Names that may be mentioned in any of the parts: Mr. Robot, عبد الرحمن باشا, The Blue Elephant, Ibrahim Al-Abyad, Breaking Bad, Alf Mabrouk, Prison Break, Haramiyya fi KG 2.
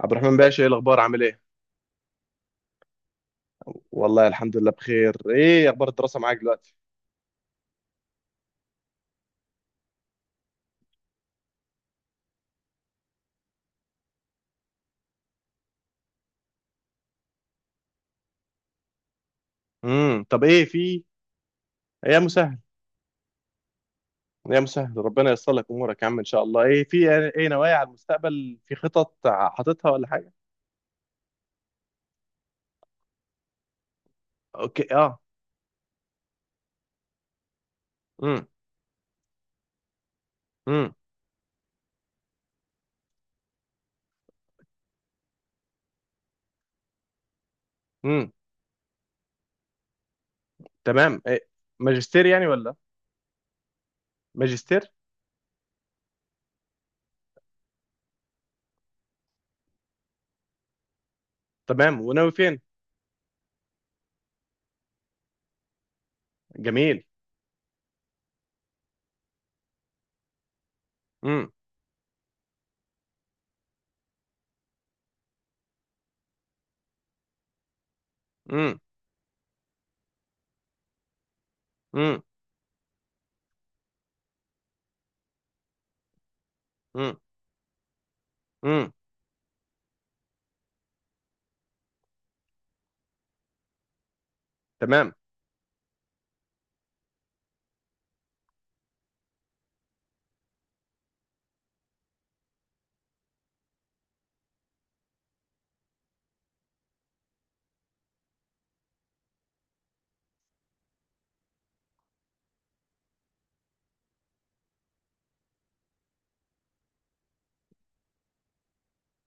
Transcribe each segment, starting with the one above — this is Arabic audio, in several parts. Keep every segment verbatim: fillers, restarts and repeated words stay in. عبد الرحمن باشا، ايه الاخبار؟ عامل ايه؟ والله الحمد لله بخير. ايه اخبار الدراسه معاك دلوقتي؟ امم طب ايه في. ايام مسهل. ايام مسهل، ربنا ييسر لك امورك يا عم ان شاء الله. ايه في، ايه نوايا على المستقبل؟ في خطط حاططها ولا حاجه؟ اوكي. اه. امم. امم. امم. تمام. إيه؟ ماجستير يعني ولا؟ ماجستير. تمام. وناوي فين؟ جميل. امم. امم. امم. امم. امم. تمام.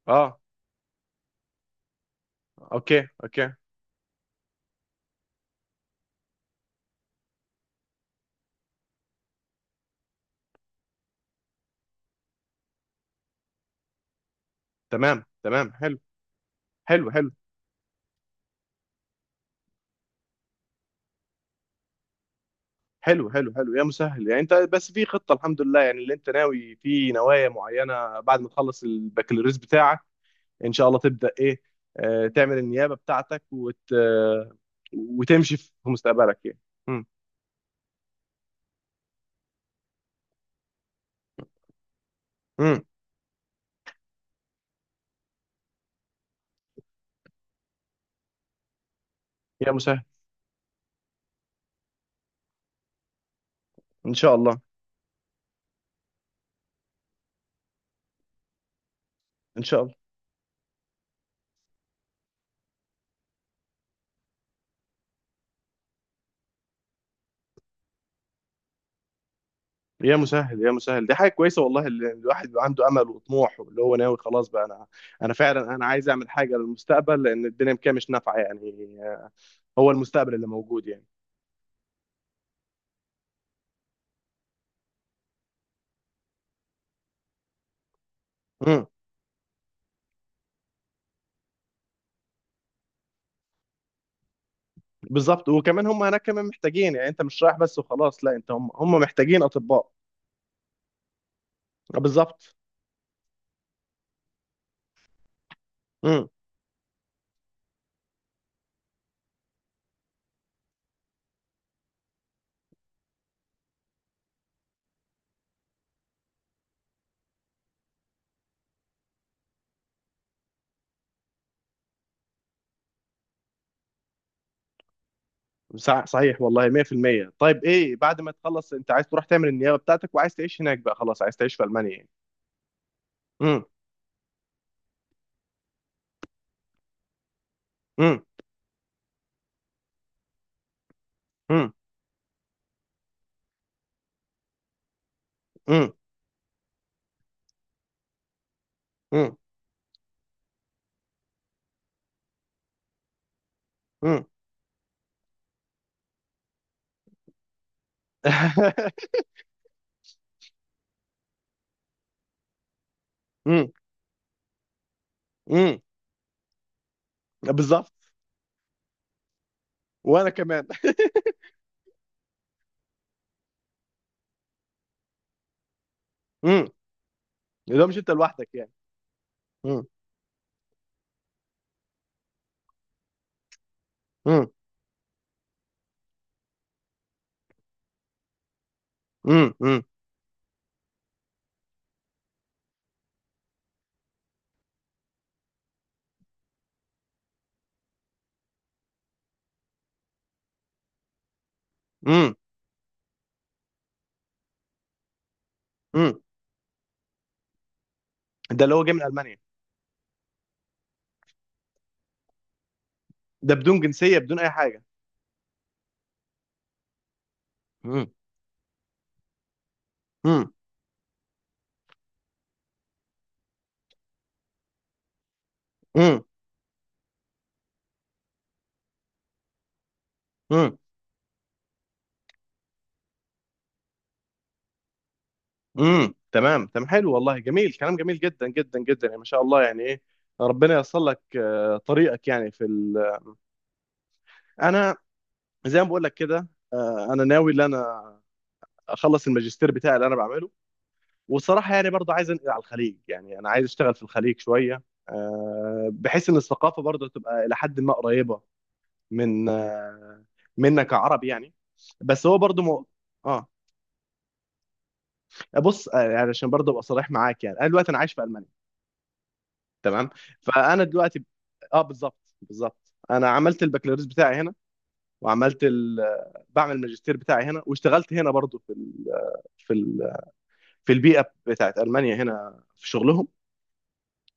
اه، اوكي اوكي. تمام تمام. حلو. حلو حلو. حلو حلو حلو يا مسهل، يعني انت بس في خطة الحمد لله، يعني اللي انت ناوي في نوايا معينة بعد ما تخلص البكالوريوس بتاعك ان شاء الله تبدأ ايه؟ آه، تعمل النيابة بتاعتك وت آه وتمشي في مستقبلك يعني. امم. امم. يا مسهل. ان شاء الله. ان شاء الله. يا مسهل يا مسهل، دي حاجة كويسة والله، اللي الواحد بيبقى عنده امل وطموح، اللي هو ناوي خلاص. بقى انا انا فعلا انا عايز اعمل حاجة للمستقبل، لان الدنيا كده مش نافعة يعني. آه، هو المستقبل اللي موجود يعني. بالظبط. وكمان هم هناك كمان محتاجين، يعني انت مش رايح بس وخلاص، لا، انت هم هم محتاجين اطباء. بالظبط. امم. صح- صحيح والله. مية في المية طيب، ايه بعد ما تخلص؟ انت عايز تروح تعمل النيابه بتاعتك وعايز تعيش هناك بقى خلاص؟ عايز تعيش في المانيا يعني؟ امم. امم. امم. امم. امم. امم. امم. امم. بالظبط. وانا كمان. امم. لو مش انت لوحدك يعني. امم. امم. امم. امم. امم. امم. ده اللي هو جاي من المانيا؟ ده بدون جنسيه بدون اي حاجه؟ امم. امم. امم. امم. تمام تمام. حلو والله، جميل، كلام جميل جدا جدا جدا يعني ما شاء الله، يعني ايه، ربنا ييسر لك آه، طريقك يعني في ال... انا زي ما بقول لك كده، آه، انا ناوي ان انا اخلص الماجستير بتاعي اللي انا بعمله، والصراحه يعني برضه عايز انقل على الخليج، يعني انا عايز اشتغل في الخليج شويه، آه، بحيث ان الثقافه برضه تبقى الى حد ما قريبه من آه، منا كعرب يعني. بس هو برضه مو... اه. بص، آه، يعني عشان برضه ابقى صريح معاك، يعني انا دلوقتي انا عايش في المانيا. تمام. فانا دلوقتي. اه، بالظبط. بالظبط، انا عملت البكالوريوس بتاعي هنا وعملت ال... بعمل الماجستير بتاعي هنا، واشتغلت هنا برضو في ال... في ال... في البيئه بتاعت المانيا هنا في شغلهم.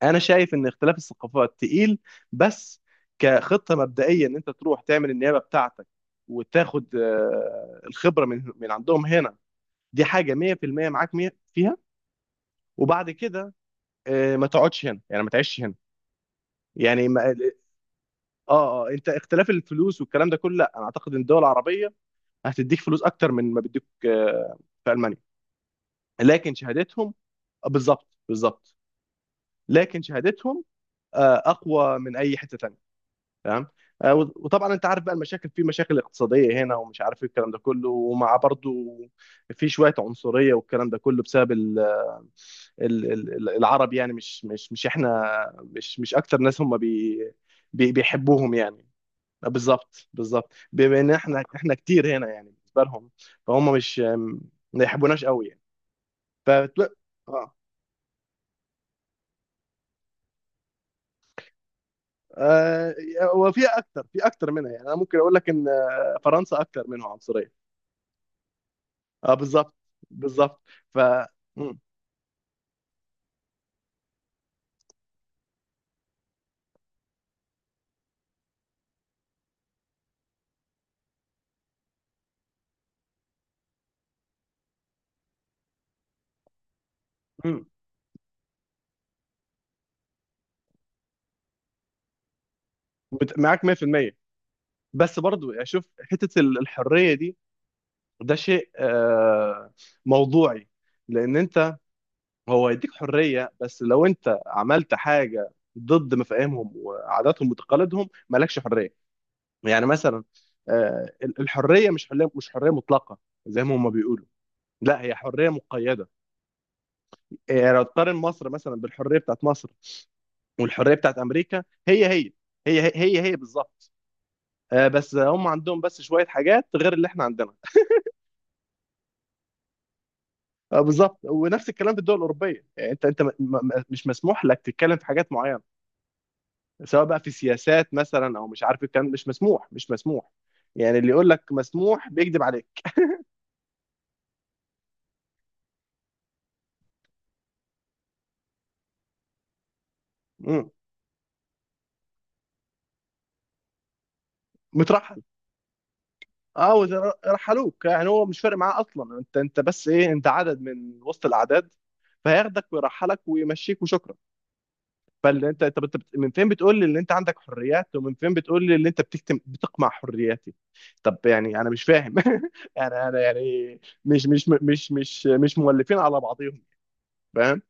انا شايف ان اختلاف الثقافات تقيل، بس كخطه مبدئيه ان انت تروح تعمل النيابه بتاعتك وتاخد آه، الخبره من من عندهم هنا، دي حاجه مية في المية معاك مية فيها. وبعد كده آه، ما تقعدش هنا يعني، ما تعيش هنا يعني. اه اه، انت اختلاف الفلوس والكلام ده كله، لا، انا اعتقد ان الدول العربيه هتديك فلوس اكتر من ما بيديك آه، في المانيا، لكن شهادتهم. آه، بالظبط بالظبط. لكن شهادتهم آه، اقوى من اي حته تانيه. تمام. آه، و- وطبعا انت عارف بقى المشاكل، في مشاكل اقتصاديه هنا ومش عارف ايه الكلام ده كله، ومع برضو في شويه عنصريه والكلام ده كله بسبب ال- ال- ال- العرب يعني. مش مش مش احنا، مش مش اكتر ناس هم بي بي- بيحبوهم يعني. بالظبط بالظبط، بما ان احنا احنا كتير هنا يعني بالنسبه لهم، فهم مش، ما يحبوناش قوي يعني. ف اه آه، وفي اكتر في اكتر منها يعني، انا ممكن اقول لك ان آه، فرنسا اكتر منهم عنصريه. اه بالظبط. بالظبط. ف مم. مم. بت- معاك مية في المية، بس برضو يعني شوف حته ال- الحريه دي، ده شيء آه، موضوعي، لان انت، هو يديك حرية بس لو انت عملت حاجة ضد مفاهيمهم وعاداتهم وتقاليدهم مالكش حرية. يعني مثلا آه، ال- الحرية مش حرية مش حرية مطلقة زي ما هم بيقولوا، لا، هي حرية مقيدة. يعني لو تقارن مصر مثلا، بالحرية بتاعت مصر والحرية بتاعت أمريكا، هي هي هي هي هي، هي، بالظبط. آه، بس هم عندهم بس شوية حاجات غير اللي احنا عندنا. آه، بالظبط. ونفس الكلام في الدول الأوروبية يعني. انت انت م- م- مش مسموح لك تتكلم في حاجات معينة، سواء بقى في سياسات مثلا او مش عارف، الكلام مش مسموح، مش مسموح. يعني اللي يقول لك مسموح بيكذب عليك. مم. مترحل. اه وز- رحلوك يعني، هو مش فارق معاه اصلا، انت انت بس ايه، انت عدد من وسط الاعداد، فهياخدك ويرحلك ويمشيك وشكرا. فاللي انت، طب انت بت... من فين بتقول لي ان انت عندك حريات، ومن فين بتقول لي ان انت بتكتم... بتقمع حرياتي؟ طب يعني انا مش فاهم. انا انا يعني مش مش مش مش مش مولفين على بعضهم فاهم.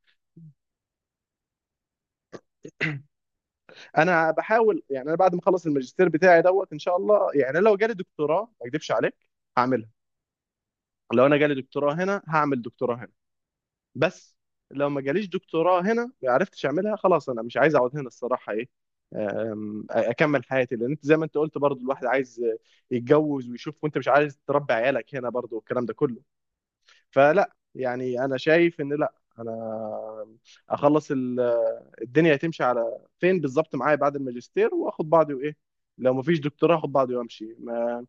انا بحاول، يعني انا بعد ما اخلص الماجستير بتاعي دوت ان شاء الله، يعني لو جالي دكتوراه ما اكدبش عليك هعملها. لو انا جالي دكتوراه هنا هعمل دكتوراه هنا، بس لو ما جاليش دكتوراه هنا، ما عرفتش اعملها، خلاص انا مش عايز اقعد هنا الصراحه، ايه أم، اكمل حياتي، لان انت زي ما انت قلت برضو، الواحد عايز يتجوز ويشوف، وانت مش عايز تربي عيالك هنا برضو والكلام ده كله. فلا، يعني انا شايف ان، لا، انا اخلص، الدنيا هتمشي على فين بالظبط معايا بعد الماجستير، واخد بعضي وايه، لو مفيش دكتوراه اخد بعضي وامشي ما.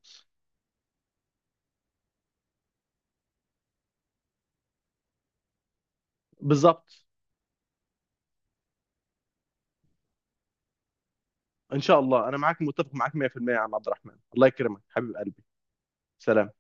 بالظبط. ان شاء الله. انا معاك، متفق معاك مية في المية يا عم عبد الرحمن، الله يكرمك حبيب قلبي. سلام.